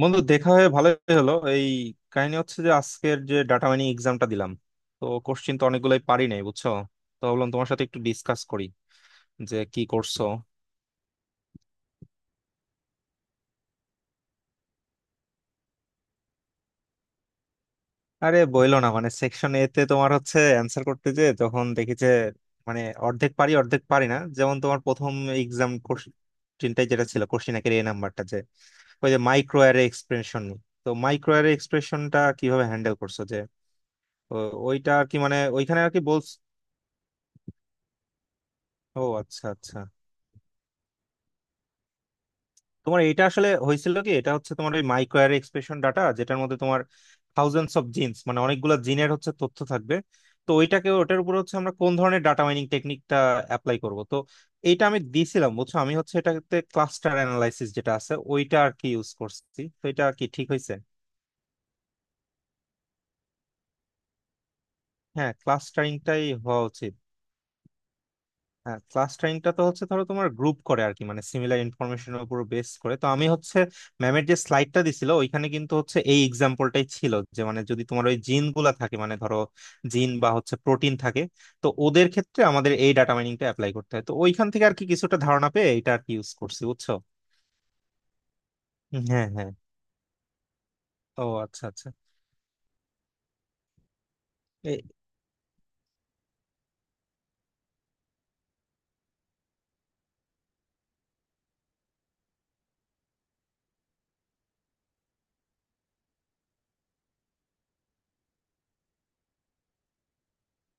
বন্ধু দেখা হয়ে ভালোই হলো। এই কাহিনী হচ্ছে যে আজকের যে ডাটা মাইনিং এক্সামটা দিলাম, তো কোশ্চিন তো অনেকগুলোই পারি নাই, বুঝছো? তো ভাবলাম তোমার সাথে একটু ডিসকাস করি যে কি করছো। আরে বইলো না, মানে সেকশন এ তে তোমার হচ্ছে অ্যান্সার করতে যে তখন দেখি যে মানে অর্ধেক পারি অর্ধেক পারি না, যেমন তোমার প্রথম এক্সাম কোশ্চিনটাই যেটা ছিল, কোশ্চিন একের এ নাম্বারটা যে ওই যে মাইক্রো অ্যারে এক্সপ্রেশন। তো মাইক্রো অ্যারে এক্সপ্রেশনটা কিভাবে হ্যান্ডেল করছো যে ও- ওইটা আর কি, মানে ওইখানে আর কি বলছ। ও আচ্ছা আচ্ছা, তোমার এটা আসলে হয়েছিল কি, এটা হচ্ছে তোমার ওই মাইক্রো অ্যারে এক্সপ্রেশন ডাটা যেটার মধ্যে তোমার থাউজেন্ডস অফ জিনস, মানে অনেকগুলো জিনের হচ্ছে তথ্য থাকবে। তো ওইটাকে ওটার উপর হচ্ছে আমরা কোন ধরনের ডাটা মাইনিং টেকনিকটা অ্যাপ্লাই করব, তো এইটা আমি দিয়েছিলাম বুঝছো, আমি হচ্ছে এটাতে ক্লাস্টার অ্যানালাইসিস যেটা আছে ওইটা আর কি ইউজ করছি। তো এটা কি ঠিক হয়েছে? হ্যাঁ, ক্লাস্টারিংটাই হওয়া উচিত। হ্যাঁ, ক্লাস টাইমটা তো হচ্ছে ধরো তোমার গ্রুপ করে আর কি, মানে সিমিলার ইনফরমেশনের উপর বেস করে। তো আমি হচ্ছে ম্যামের যে স্লাইডটা দিছিল ওইখানে কিন্তু হচ্ছে এই এক্সাম্পলটাই ছিল যে মানে যদি তোমার ওই জিন গুলা থাকে, মানে ধরো জিন বা হচ্ছে প্রোটিন থাকে, তো ওদের ক্ষেত্রে আমাদের এই ডাটা মাইনিংটা অ্যাপ্লাই করতে হয়। তো ওইখান থেকে আর কি কিছুটা ধারণা পেয়ে এটা আর কি ইউজ করছি বুঝছো। হ্যাঁ হ্যাঁ, ও আচ্ছা আচ্ছা।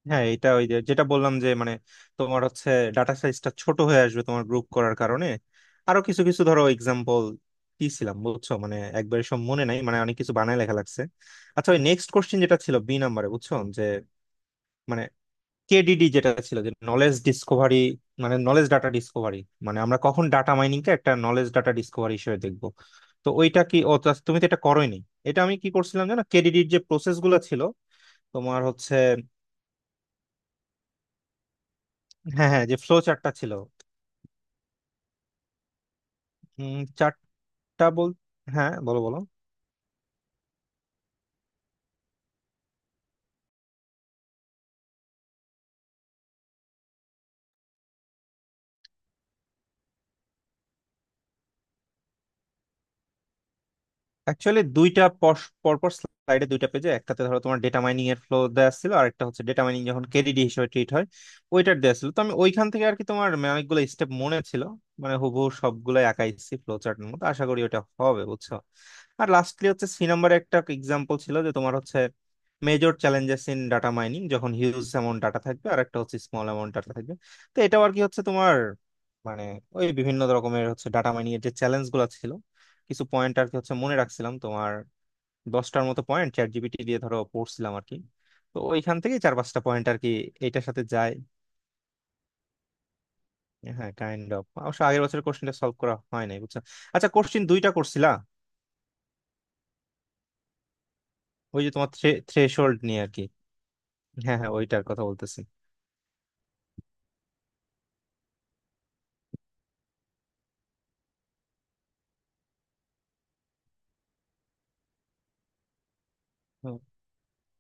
হ্যাঁ এটা ওই যে যেটা বললাম যে মানে তোমার হচ্ছে ডাটা সাইজটা ছোট হয়ে আসবে তোমার গ্রুপ করার কারণে। আরো কিছু কিছু ধরো এক্সাম্পল দিছিলাম বুঝছো, মানে একবার সব মনে নাই, মানে অনেক কিছু বানায় লেখা লাগছে। আচ্ছা ওই নেক্সট কোশ্চেন যেটা ছিল বি নাম্বারে বুঝছো, যে মানে কেডিডি যেটা ছিল যে নলেজ ডিসকভারি, মানে নলেজ ডাটা ডিসকভারি, মানে আমরা কখন ডাটা মাইনিংকে একটা নলেজ ডাটা ডিসকভারি হিসেবে দেখবো। তো ওইটা কি, তুমি তো এটা করোইনি। এটা আমি কি করছিলাম জানো, কেডিডির যে প্রসেস গুলো ছিল তোমার হচ্ছে। হ্যাঁ হ্যাঁ, যে ফ্লো চার্টটা ছিল। চারটা। বল। হ্যাঁ, বলো বলো। অ্যাকচুয়ালি দুইটা পরপর স্লাইডে দুইটা পেজে, একটাতে ধরো তোমার ডেটা মাইনিং এর ফ্লো দেওয়া ছিল, আর একটা হচ্ছে ডেটা মাইনিং যখন কেডিডি হিসেবে ট্রিট হয় ওইটার দেওয়া ছিল। তো আমি ওইখান থেকে আর কি তোমার মানে অনেকগুলো স্টেপ মনে ছিল, মানে হুবহু সবগুলাই আঁকাইছি ফ্লো চার্টের মতো, আশা করি ওটা হবে বুঝছো। আর লাস্টলি হচ্ছে সি নাম্বারে একটা এক্সাম্পল ছিল যে তোমার হচ্ছে major challenges in data mining, যখন হিউজ অ্যামাউন্ট ডাটা থাকবে আর একটা হচ্ছে স্মল অ্যামাউন্ট ডাটা থাকবে। তো এটাও আর কি হচ্ছে তোমার মানে ওই বিভিন্ন রকমের হচ্ছে ডাটা মাইনিং এর যে চ্যালেঞ্জ গুলো ছিল, কিছু পয়েন্ট আর কি হচ্ছে মনে রাখছিলাম। তোমার 10টার মতো পয়েন্ট চ্যাট জিপিটি দিয়ে ধরো পড়ছিলাম আর কি, তো ওইখান থেকে চার পাঁচটা পয়েন্ট আর কি এটার সাথে যায়। হ্যাঁ, কাইন্ড অফ অবশ্য আগের বছরের কোশ্চেনটা সলভ করা হয় নাই বুঝছো। আচ্ছা, কোশ্চেন দুইটা করছিলা। ওই যে তোমার থ্রেশহোল্ড নিয়ে আর কি। হ্যাঁ হ্যাঁ, ওইটার কথা বলতেছি।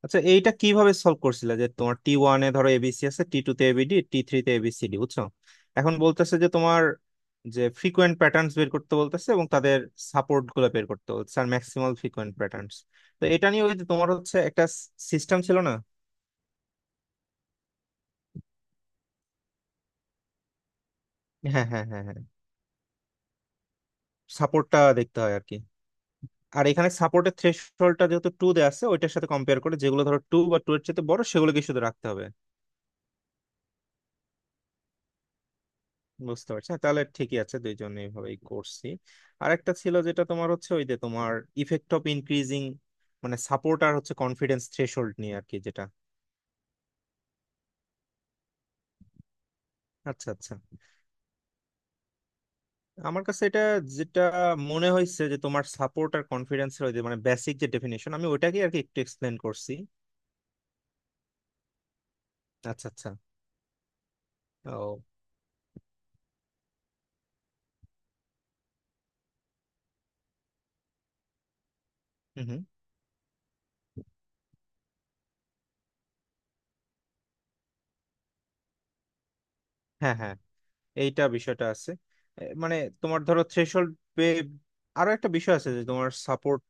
আচ্ছা এইটা কিভাবে সলভ করছিলে যে তোমার টি ওয়ানে ধরো এবিসি আছে, টি টু তে এবিডি, টি থ্রি তে এবিসিডি বুঝছো। এখন বলতেছে যে তোমার যে ফ্রিকোয়েন্ট প্যাটার্নস বের করতে বলতেছে এবং তাদের সাপোর্ট গুলো বের করতে বলতেছে, আর ম্যাক্সিমাল ফ্রিকোয়েন্ট প্যাটার্নস। তো এটা নিয়ে ওই যে তোমার হচ্ছে একটা সিস্টেম ছিল না। হ্যাঁ হ্যাঁ হ্যাঁ হ্যাঁ, সাপোর্টটা দেখতে হয় আর কি। আর এখানে সাপোর্টের থ্রেশহোল্ডটা যেহেতু 2 দেওয়া আছে, ওইটার সাথে কম্পেয়ার করে যেগুলো ধরো 2 বা 2 এর চেয়ে বড় সেগুলোকে শুধু রাখতে হবে। বুঝতে পারছি, হ্যাঁ, তাহলে ঠিকই আছে, দুইজন এইভাবেই করছি। আর একটা ছিল যেটা তোমার হচ্ছে ওই যে তোমার ইফেক্ট অফ ইনক্রিজিং, মানে সাপোর্ট আর হচ্ছে কনফিডেন্স থ্রেশহোল্ড নিয়ে আর কি যেটা। আচ্ছা আচ্ছা, আমার কাছে এটা যেটা মনে হয়েছে যে তোমার সাপোর্ট আর কনফিডেন্সের ওই যে মানে বেসিক যে ডেফিনেশন, আমি ওইটাকে আর কি একটু এক্সপ্লেন করছি। আচ্ছা আচ্ছা। ও। হুম হুম। হ্যাঁ হ্যাঁ। এইটা বিষয়টা আছে। মানে তোমার ধরো থ্রেশহোল্ড, আরো একটা বিষয় আছে যে তোমার সাপোর্ট,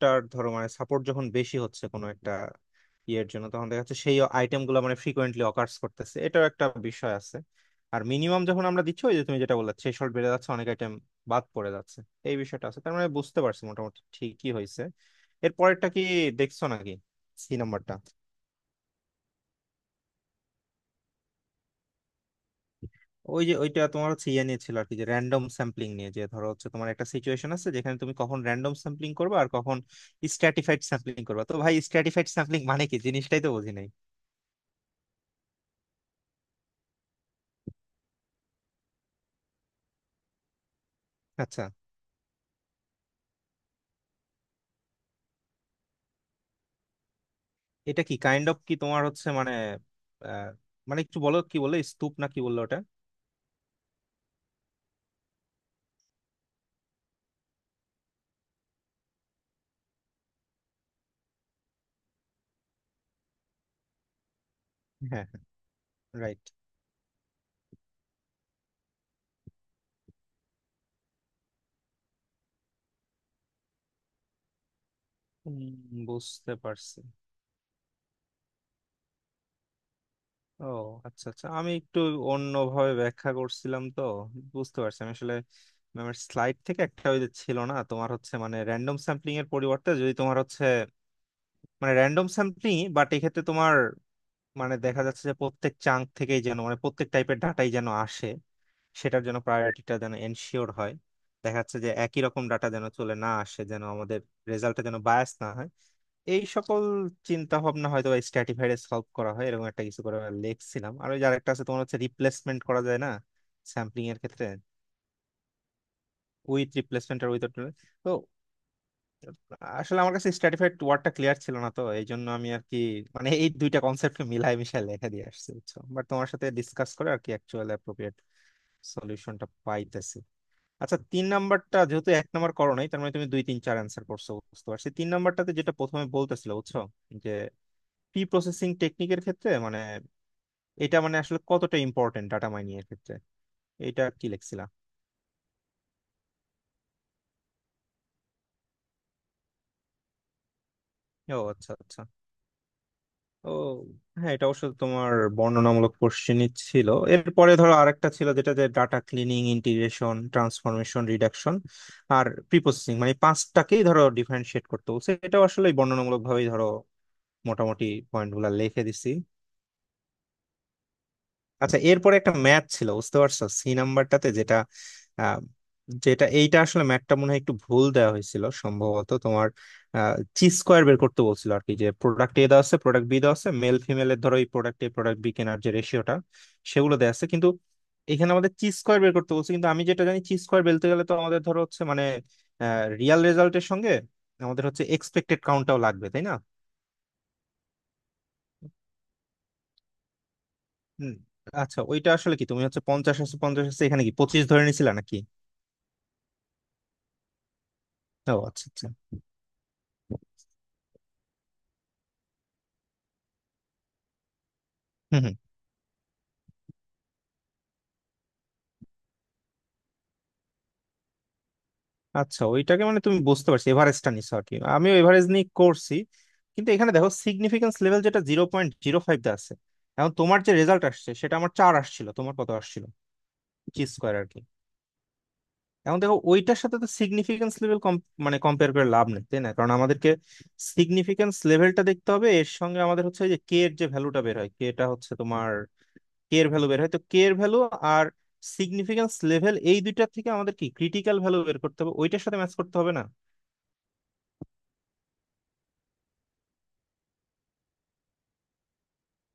সাপোর্টটার ধরো মানে সাপোর্ট যখন বেশি হচ্ছে কোনো একটা ইয়ের জন্য, তখন দেখা যাচ্ছে সেই আইটেমগুলো মানে ফ্রিকোয়েন্টলি অকার্স করতেছে, এটাও একটা বিষয় আছে। আর মিনিমাম যখন আমরা দিচ্ছি ওই যে তুমি যেটা বললে, থ্রেশহোল্ড বেড়ে যাচ্ছে অনেক আইটেম বাদ পড়ে যাচ্ছে, এই বিষয়টা আছে। তার মানে বুঝতে পারছি মোটামুটি ঠিকই হয়েছে। এর পরেরটা কি, দেখছো নাকি সি নাম্বারটা? ওই যে ওইটা তোমার হচ্ছে ইয়ে নিয়ে ছিল আর কি, যে র্যান্ডম স্যাম্পলিং নিয়ে, যে ধরো হচ্ছে তোমার একটা সিচুয়েশন আছে যেখানে তুমি কখন র্যান্ডম স্যাম্পলিং করবে আর কখন স্ট্র্যাটিফাইড স্যাম্পলিং করবে। তো ভাই স্ট্র্যাটিফাইড স্যাম্পলিং মানে কি জিনিসটাই তো বুঝি নাই। আচ্ছা এটা কি কাইন্ড অফ কি তোমার হচ্ছে মানে আহ, মানে একটু বলো কি বলে, স্তূপ না কি বললো ওটা। হ্যাঁ, রাইট। বুঝতে পারছি। ও আচ্ছা আচ্ছা, আমি একটু অন্যভাবে ব্যাখ্যা করছিলাম তো। বুঝতে পারছি, আমি আসলে ম্যামের স্লাইড থেকে একটা ওই যে ছিল না তোমার হচ্ছে মানে র্যান্ডম স্যাম্পলিং এর পরিবর্তে যদি তোমার হচ্ছে মানে র্যান্ডম স্যাম্পলিং, বাট এক্ষেত্রে তোমার মানে দেখা যাচ্ছে যে প্রত্যেক চাঙ্ক থেকেই যেন মানে প্রত্যেক টাইপের ডাটাই যেন আসে, সেটার জন্য প্রায়োরিটিটা যেন এনশিওর হয়, দেখা যাচ্ছে যে একই রকম ডাটা যেন চলে না আসে, যেন আমাদের রেজাল্টটা যেন বায়াস না হয়, এই সকল চিন্তা ভাবনা হয়তো স্ট্র্যাটিফাইড সলভ করা হয়, এরকম একটা কিছু করে লিখছিলাম। আর ওই যে আরেকটা আছে তোমার হচ্ছে রিপ্লেসমেন্ট করা যায় না স্যাম্পলিং এর ক্ষেত্রে, উইথ রিপ্লেসমেন্ট আর উইথ। তো আসলে আমার কাছে স্ট্র্যাটিফাইড ওয়ার্ডটা ক্লিয়ার ছিল না, তো এই জন্য আমি আর কি মানে এই দুইটা কনসেপ্টকে মিলাই মিশাই লেখা দিয়ে আসছি বুঝছো, বাট তোমার সাথে ডিসকাস করে আর কি অ্যাকচুয়াল অ্যাপ্রোপ্রিয়েট সলিউশনটা পাইতেছি। আচ্ছা তিন নাম্বারটা যেহেতু এক নাম্বার করো নাই, তার মানে তুমি দুই তিন চার অ্যান্সার করছো, বুঝতে পারছি। তিন নাম্বারটাতে যেটা প্রথমে বলতেছিল বুঝছো যে প্রি প্রসেসিং টেকনিকের ক্ষেত্রে, মানে এটা মানে আসলে কতটা ইম্পর্টেন্ট ডাটা মাইনিং এর ক্ষেত্রে, এটা কি লেখছিলা? ও আচ্ছা আচ্ছা। ও। হ্যাঁ এটা অবশ্য তোমার বর্ণনামূলক কোশ্চেনই ছিল। এরপরে ধরো আরেকটা ছিল যেটা যে data cleaning, integration, transformation, reduction আর প্রি প্রসেসিং, মানে পাঁচটাকেই ধরো ডিফারেন্সিয়েট করতে বলছে, এটা আসলে বর্ণনামূলক ভাবেই ধরো মোটামুটি পয়েন্ট গুলা লিখে দিছি। আচ্ছা এরপরে একটা ম্যাথ ছিল বুঝতে পারছো, সি নাম্বারটাতে যেটা আহ, যেটা এইটা আসলে ম্যাথটা মনে হয় একটু ভুল দেওয়া হয়েছিল সম্ভবত, তোমার চি স্কোয়ার বের করতে বলছিল আর কি, যে প্রোডাক্ট এ দেওয়া আছে প্রোডাক্ট বি দেওয়া আছে মেল ফিমেলের, ধরো এই প্রোডাক্ট এ প্রোডাক্ট বি কেনার যে রেশিওটা সেগুলো দেওয়া আছে, কিন্তু এখানে আমাদের চি স্কোয়ার বের করতে বলছে কিন্তু আমি যেটা জানি চি স্কোয়ার বেলতে গেলে তো আমাদের ধরো হচ্ছে মানে রিয়াল রেজাল্টের সঙ্গে আমাদের হচ্ছে এক্সপেক্টেড কাউন্টটাও লাগবে, তাই না? হুম। আচ্ছা ওইটা আসলে কি তুমি হচ্ছে 50 আছে 50 আছে, এখানে কি 25 ধরে নিছিলা নাকি? ও আচ্ছা আচ্ছা। হুম হুম। আচ্ছা ওইটাকে মানে তুমি বুঝতে পারছি এভারেজটা নিছো আর কি, আমিও এভারেজ নিয়ে করছি। কিন্তু এখানে দেখো সিগনিফিকেন্স লেভেল যেটা 0.05 দা আছে। এখন তোমার যে রেজাল্ট আসছে সেটা আমার চার আসছিল, তোমার কত আসছিল, জি স্কোয়ার আর কি। এখন দেখো ওইটার সাথে তো সিগনিফিকেন্স লেভেল মানে কম্পেয়ার করে লাভ নেই, তাই না, কারণ আমাদেরকে সিগনিফিকেন্স লেভেলটা দেখতে হবে এর সঙ্গে, আমাদের হচ্ছে ওই যে কে এর যে ভ্যালুটা বের হয়, কে এটা হচ্ছে তোমার কে এর ভ্যালু বের হয়, তো কে এর ভ্যালু আর সিগনিফিকেন্স লেভেল এই দুইটা থেকে আমাদের কি ক্রিটিক্যাল ভ্যালু বের করতে হবে ওইটার সাথে ম্যাচ করতে হবে না?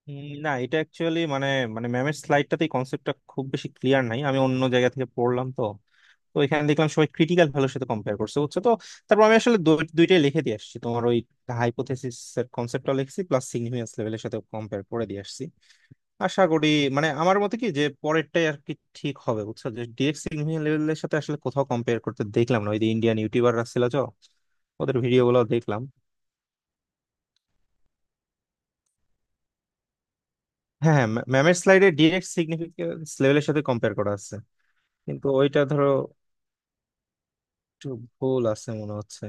না এটা অ্যাকচুয়ালি মানে, মানে ম্যামের স্লাইডটাতেই কনসেপ্টটা খুব বেশি ক্লিয়ার নাই, আমি অন্য জায়গা থেকে পড়লাম তো। তো এখানে দেখলাম সবাই ক্রিটিক্যাল ভ্যালুর সাথে কম্পেয়ার করছে বুঝছো। তো তারপর আমি আসলে দুইটাই লিখে দিয়ে আসছি, তোমার ওই হাইপোথেসিস এর কনসেপ্টটা লিখছি প্লাস সিগনিফিকেন্স লেভেলের সাথে কম্পেয়ার করে দিয়ে আসছি। আশা করি মানে আমার মতে কি যে পরেরটাই আর কি ঠিক হবে বুঝছো, যে ডিএক্স ইনহিবিশন লেভেলের সাথে আসলে কোথাও কম্পেয়ার করতে দেখলাম না, ওই যে ইন্ডিয়ান ইউটিউবাররা ছিল তো, ওদের ভিডিও গুলো দেখলাম। হ্যাঁ হ্যাঁ, ম্যামের স্লাইডে ডিএক্স সিগনিফিকেন্স লেভেলের সাথে কম্পেয়ার করা আছে, কিন্তু ওইটা ধরো একটু ভুল আছে মনে হচ্ছে।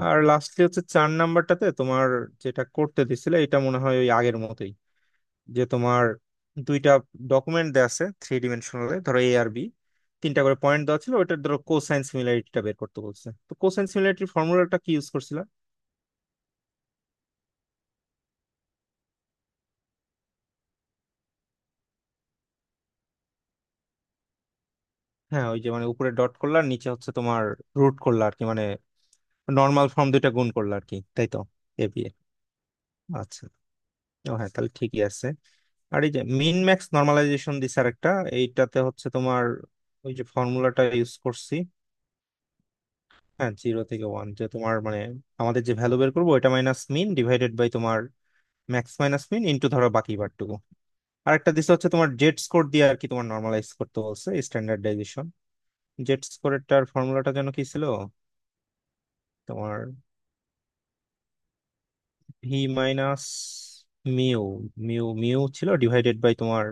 আর লাস্টলি হচ্ছে চার নাম্বারটাতে তোমার যেটা করতে দিছিলে, এটা মনে হয় ওই আগের মতোই, যে তোমার দুইটা ডকুমেন্ট দেওয়া আছে থ্রি ডিমেনশনালে ধরো এ আর বি, তিনটা করে পয়েন্ট দেওয়া ছিল, ওইটার ধরো কোসাইন সিমিলারিটিটা বের করতে বলছে। তো কোসাইন সিমিলারিটির ফর্মুলাটা কি ইউজ করছিলা? হ্যাঁ ওই যে মানে উপরে ডট করলা আর নিচে হচ্ছে তোমার রুট করলা আর কি, মানে নর্মাল ফর্ম দুইটা গুণ করলা আর কি, তাই তো, এ বি এর। আচ্ছা, ও হ্যাঁ তাহলে ঠিকই আছে। আর এই যে মিন ম্যাক্স নর্মালাইজেশন দিছে আরেকটা, এইটাতে হচ্ছে তোমার ওই যে ফর্মুলাটা ইউজ করছি। হ্যাঁ 0 থেকে 1, যে তোমার মানে আমাদের যে ভ্যালু বের করবো ওইটা মাইনাস মিন ডিভাইডেড বাই তোমার ম্যাক্স মাইনাস মিন ইনটু ধরো বাকি বারটুকু। আর একটা দিছে হচ্ছে তোমার জেড স্কোর দিয়ে আর কি তোমার নর্মালাইজ করতে বলছে, স্ট্যান্ডার্ডাইজেশন। জেড স্কোরেরটার ফর্মুলাটা যেন কি ছিল, তোমার ভি মাইনাস মিউ, মিউ ছিল, ডিভাইডেড বাই তোমার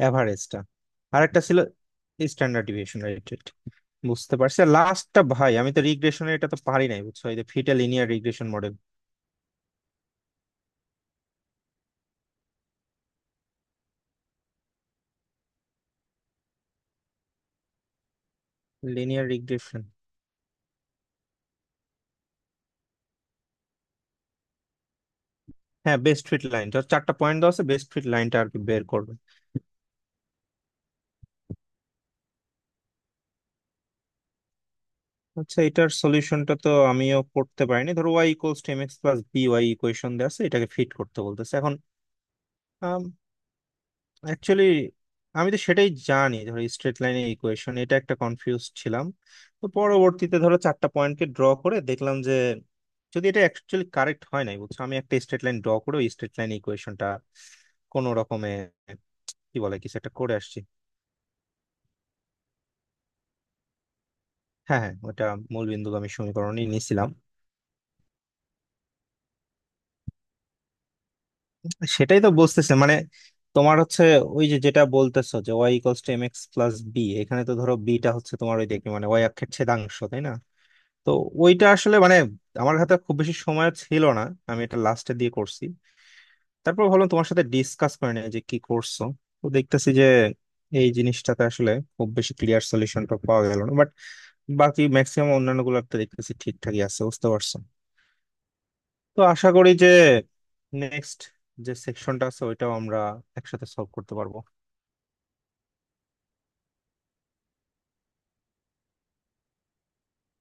অ্যাভারেজটা। আর একটা ছিল স্ট্যান্ডার্ড ডিভিয়েশন রিলেটেড। বুঝতে পারছি। আর লাস্টটা ভাই আমি তো রিগ্রেশনের এটা তো পারি নাই বুঝছো, এই যে ফিটা linear regression model. Linear regression. হ্যাঁ বেস্ট ফিট লাইন, চারটা পয়েন্ট দেওয়া আছে, বেস্ট ফিট লাইনটা আর কি বের করবে। আচ্ছা এটার সলিউশনটা তো আমিও করতে পারিনি, ধরো Y equals to X plus B Y equation দেওয়া আছে, এটাকে ফিট করতে বলতেছে এখন। অ্যাকচুয়ালি আমি তো সেটাই জানি ধরো স্ট্রেট লাইনের ইকুয়েশন, এটা একটা কনফিউজ ছিলাম। তো পরবর্তীতে ধরো চারটা পয়েন্টকে ড্র করে দেখলাম যে যদি এটা অ্যাকচুয়ালি কারেক্ট হয় নাই বুঝছো, আমি একটা স্ট্রেট লাইন ড্র করে ওই স্ট্রেট লাইন ইকুয়েশনটা কোনো রকমে কি বলে কিছু একটা করে আসছি। হ্যাঁ হ্যাঁ ওটা মূল বিন্দুগামী সমীকরণই নিয়েছিলাম। সেটাই তো বুঝতেছে মানে তোমার হচ্ছে ওই যে যেটা বলতেছো যে Y equals to M X plus B, এখানে তো ধরো বিটা হচ্ছে তোমার ওই দেখি মানে ওয়াই অক্ষের ছেদাংশ, তাই না? তো ওইটা আসলে মানে আমার হাতে খুব বেশি সময় ছিল না, আমি এটা লাস্টে দিয়ে করছি। তারপর ভাবলাম তোমার সাথে ডিসকাস করে নিই যে কি করছো। তো দেখতেছি যে এই জিনিসটাতে আসলে খুব বেশি ক্লিয়ার সলিউশনটা পাওয়া গেল না, বাট বাকি ম্যাক্সিমাম অন্যান্য গুলোতে দেখতেছি ঠিকঠাকই আছে, বুঝতে পারছো। তো আশা করি যে নেক্সট যে সেকশনটা আছে ওইটাও আমরা একসাথে সলভ করতে পারবো।